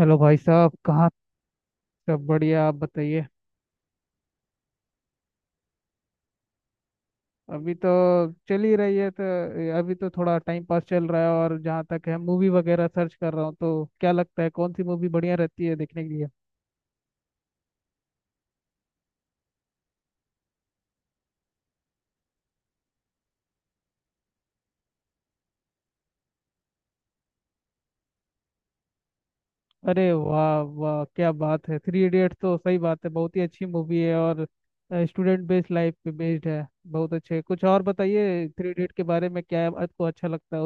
Hello भाई साहब कहाँ। सब बढ़िया, आप बताइए। अभी तो चल ही रही है तो अभी तो थोड़ा टाइम पास चल रहा है, और जहाँ तक है मूवी वगैरह सर्च कर रहा हूँ, तो क्या लगता है कौन सी मूवी बढ़िया रहती है देखने के लिए। अरे वाह वाह, क्या बात है, थ्री इडियट्स तो सही बात है, बहुत ही अच्छी मूवी है। और स्टूडेंट बेस्ड, लाइफ पे बेस्ड है, बहुत अच्छे। कुछ और बताइए थ्री इडियट के बारे में, क्या आपको अच्छा लगता है।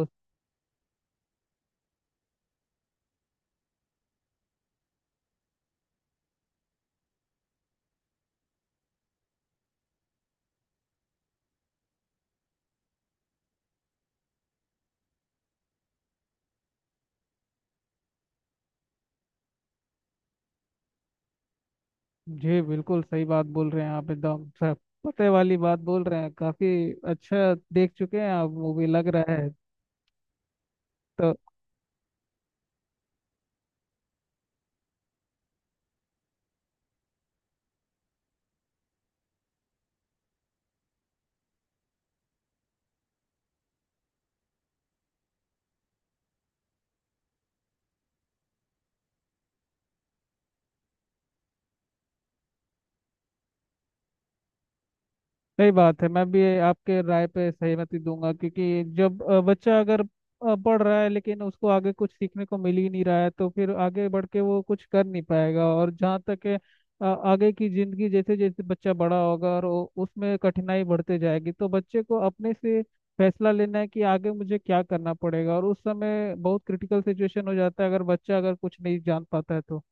जी बिल्कुल सही बात बोल रहे हैं आप, एकदम सब पते वाली बात बोल रहे हैं। काफी अच्छा देख चुके हैं आप मूवी, लग रहा है। तो सही बात है, मैं भी आपके राय पे सहमति दूंगा, क्योंकि जब बच्चा अगर पढ़ रहा है लेकिन उसको आगे कुछ सीखने को मिल ही नहीं रहा है, तो फिर आगे बढ़ के वो कुछ कर नहीं पाएगा। और जहाँ तक है आगे की जिंदगी, जैसे जैसे बच्चा बड़ा होगा और उसमें कठिनाई बढ़ते जाएगी, तो बच्चे को अपने से फैसला लेना है कि आगे मुझे क्या करना पड़ेगा। और उस समय बहुत क्रिटिकल सिचुएशन हो जाता है, अगर बच्चा अगर कुछ नहीं जान पाता है तो।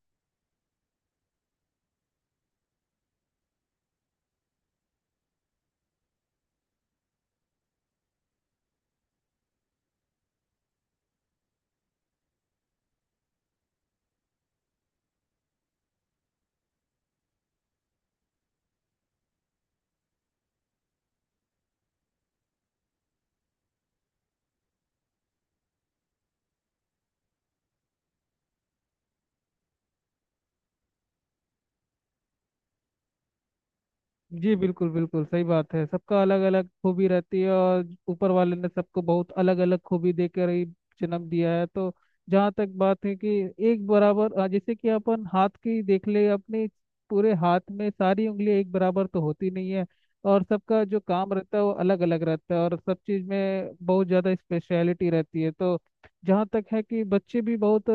जी बिल्कुल बिल्कुल सही बात है, सबका अलग अलग खूबी रहती है, और ऊपर वाले ने सबको बहुत अलग अलग खूबी देकर ही जन्म दिया है। तो जहाँ तक बात है कि एक बराबर, जैसे कि अपन हाथ की देख ले, अपने पूरे हाथ में सारी उंगलियां एक बराबर तो होती नहीं है। और सबका जो काम रहता है वो अलग अलग रहता है, और सब चीज़ में बहुत ज़्यादा स्पेशलिटी रहती है। तो जहाँ तक है कि बच्चे भी बहुत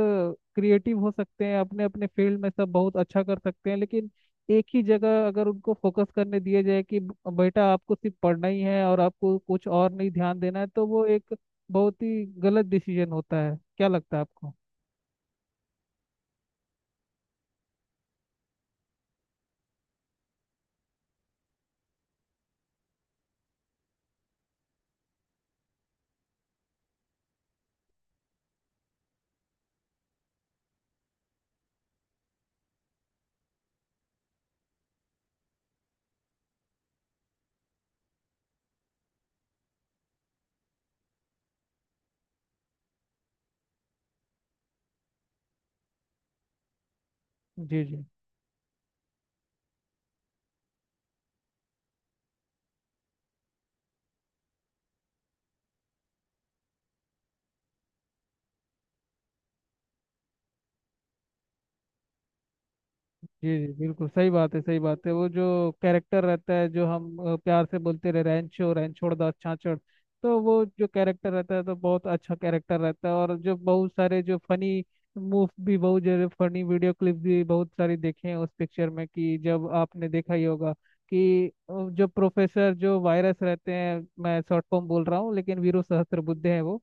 क्रिएटिव हो सकते हैं, अपने अपने फील्ड में सब बहुत अच्छा कर सकते हैं। लेकिन एक ही जगह अगर उनको फोकस करने दिया जाए कि बेटा आपको सिर्फ पढ़ना ही है और आपको कुछ और नहीं ध्यान देना है, तो वो एक बहुत ही गलत डिसीजन होता है, क्या लगता है आपको। जी जी। जी जी बिल्कुल सही बात है, सही बात है। वो जो कैरेक्टर रहता है जो हम प्यार से बोलते रहे रैंचो, रैंचोड़ दास छाछड़, तो वो जो कैरेक्टर रहता है तो बहुत अच्छा कैरेक्टर रहता है। और जो बहुत सारे जो फनी मूव भी, बहुत जरूर फनी वीडियो क्लिप भी बहुत सारी देखे हैं उस पिक्चर में कि जब आपने देखा ही होगा कि जो प्रोफेसर जो वायरस रहते हैं, मैं शॉर्ट फॉर्म बोल रहा हूँ, लेकिन वीरू सहस्त्रबुद्धे हैं वो,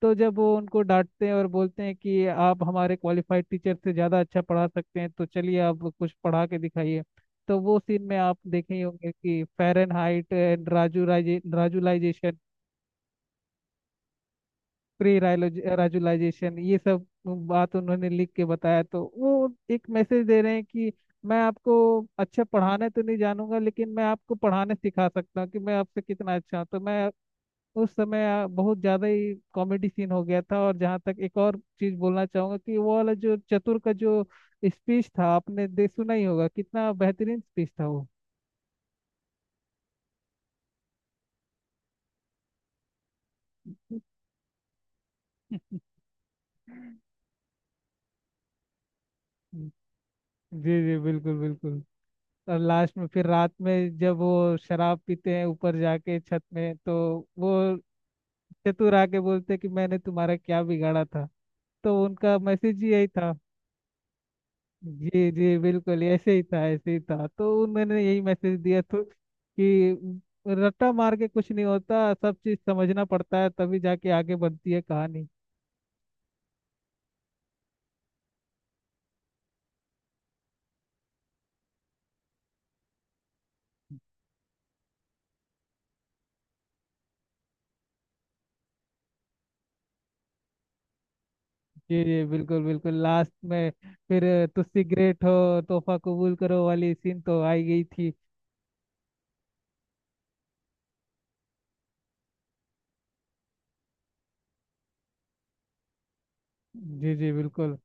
तो जब वो उनको डांटते हैं और बोलते हैं कि आप हमारे क्वालिफाइड टीचर से ज़्यादा अच्छा पढ़ा सकते हैं, तो चलिए आप कुछ पढ़ा के दिखाइए। तो वो सीन में आप देखे ही होंगे कि फ़ारेनहाइट एंड राजुलाइजे राजुलाइजेशन, प्री राजुलाइजेशन, ये सब बात उन्होंने लिख के बताया। तो वो एक मैसेज दे रहे हैं कि मैं आपको अच्छा पढ़ाना तो नहीं जानूंगा, लेकिन मैं आपको पढ़ाने सिखा सकता हूँ कि मैं आपसे कितना अच्छा हूँ। तो मैं, उस समय बहुत ज्यादा ही कॉमेडी सीन हो गया था। और जहाँ तक एक और चीज बोलना चाहूंगा कि वो वाला जो चतुर का जो स्पीच था, आपने दे सुना ही होगा, कितना बेहतरीन स्पीच था वो। जी जी बिल्कुल बिल्कुल। और लास्ट में फिर रात में जब वो शराब पीते हैं ऊपर जाके छत में, तो वो चतुर आके बोलते हैं कि मैंने तुम्हारा क्या बिगाड़ा था। तो उनका मैसेज ही यही था। जी जी बिल्कुल, ऐसे ही था, ऐसे ही था, तो उन्होंने यही मैसेज दिया तो कि रट्टा मार के कुछ नहीं होता, सब चीज समझना पड़ता है तभी जाके आगे बनती है कहानी। जी जी बिल्कुल बिल्कुल, लास्ट में फिर तुस्सी ग्रेट हो, तोहफा कबूल करो वाली सीन तो आई गई थी। जी जी बिल्कुल।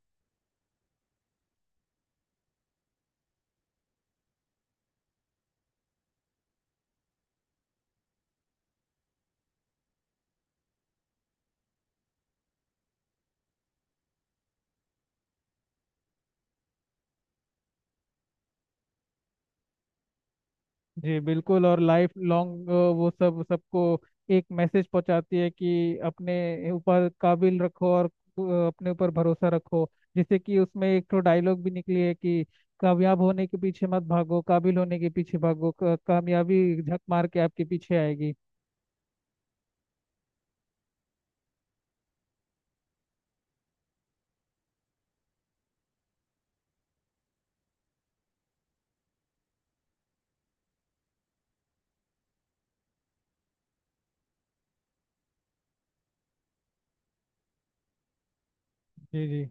जी बिल्कुल, और लाइफ लॉन्ग वो सब सबको एक मैसेज पहुंचाती है कि अपने ऊपर काबिल रखो और अपने ऊपर भरोसा रखो। जैसे कि उसमें एक तो डायलॉग भी निकली है कि कामयाब होने के पीछे मत भागो, काबिल होने के पीछे भागो, कामयाबी झक मार के आपके पीछे आएगी। जी जी।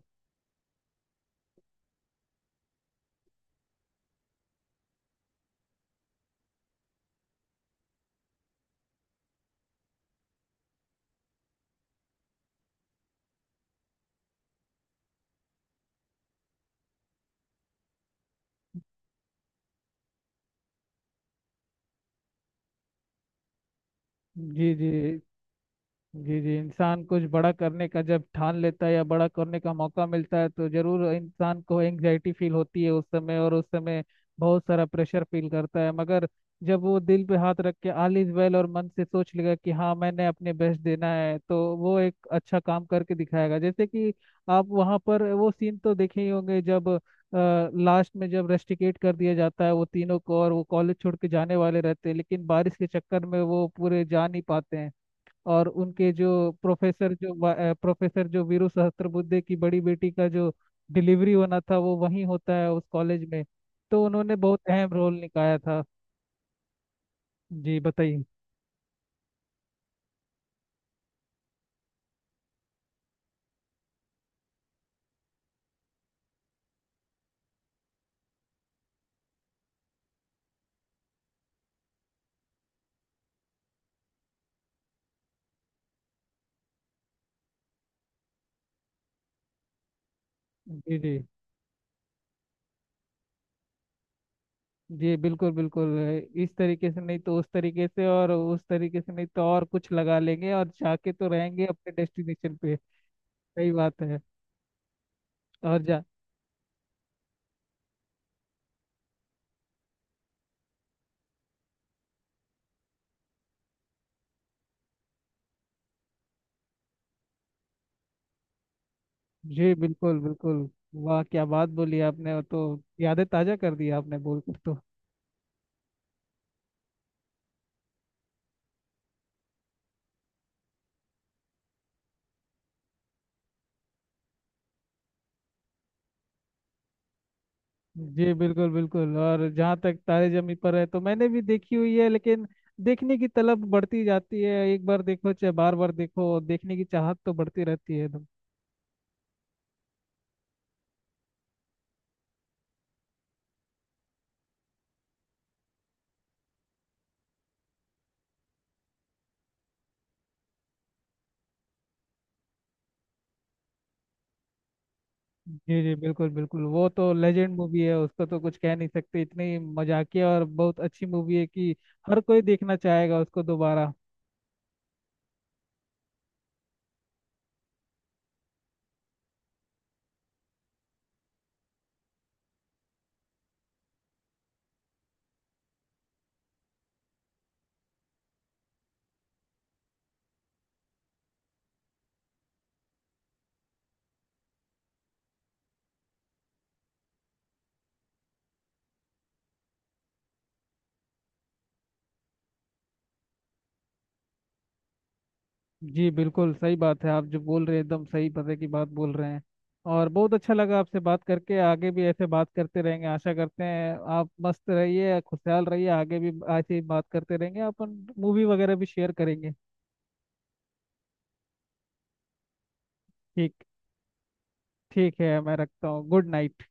जी जी। जी जी। इंसान कुछ बड़ा करने का जब ठान लेता है या बड़ा करने का मौका मिलता है, तो जरूर इंसान को एंग्जाइटी फील होती है उस समय, और उस समय बहुत सारा प्रेशर फील करता है। मगर जब वो दिल पे हाथ रख के ऑल इज वेल और मन से सोच लेगा कि हाँ मैंने अपने बेस्ट देना है, तो वो एक अच्छा काम करके दिखाएगा। जैसे कि आप वहाँ पर वो सीन तो देखे ही होंगे जब लास्ट में जब रेस्टिकेट कर दिया जाता है वो तीनों को, और वो कॉलेज छोड़ के जाने वाले रहते हैं, लेकिन बारिश के चक्कर में वो पूरे जा नहीं पाते हैं। और उनके जो प्रोफेसर जो प्रोफेसर जो वीरू सहस्त्रबुद्धे की बड़ी बेटी का जो डिलीवरी होना था, वो वहीं होता है उस कॉलेज में। तो उन्होंने बहुत अहम रोल निभाया था। जी बताइए। जी जी। जी बिल्कुल बिल्कुल, इस तरीके से नहीं तो उस तरीके से, और उस तरीके से नहीं तो और कुछ लगा लेंगे, और जाके तो रहेंगे अपने डेस्टिनेशन पे। सही बात है। और जा। जी बिल्कुल बिल्कुल, वाह क्या बात बोली आपने, वो तो यादें ताजा कर दी आपने बोलकर तो। जी बिल्कुल बिल्कुल। और जहाँ तक तारे जमी पर है तो मैंने भी देखी हुई है, लेकिन देखने की तलब बढ़ती जाती है। एक बार देखो चाहे बार बार देखो, देखने की चाहत तो बढ़ती रहती है एकदम। जी जी बिल्कुल बिल्कुल, वो तो लेजेंड मूवी है, उसका तो कुछ कह नहीं सकते। इतनी मजाकिया और बहुत अच्छी मूवी है कि हर कोई देखना चाहेगा उसको दोबारा। जी बिल्कुल सही बात है, आप जो बोल रहे हैं एकदम सही पते की बात बोल रहे हैं। और बहुत अच्छा लगा आपसे बात करके, आगे भी ऐसे बात करते रहेंगे आशा करते हैं। आप मस्त रहिए, खुशहाल रहिए, आगे भी ऐसे ही बात करते रहेंगे, अपन मूवी वगैरह भी शेयर करेंगे। ठीक। ठीक है, मैं रखता हूँ, गुड नाइट।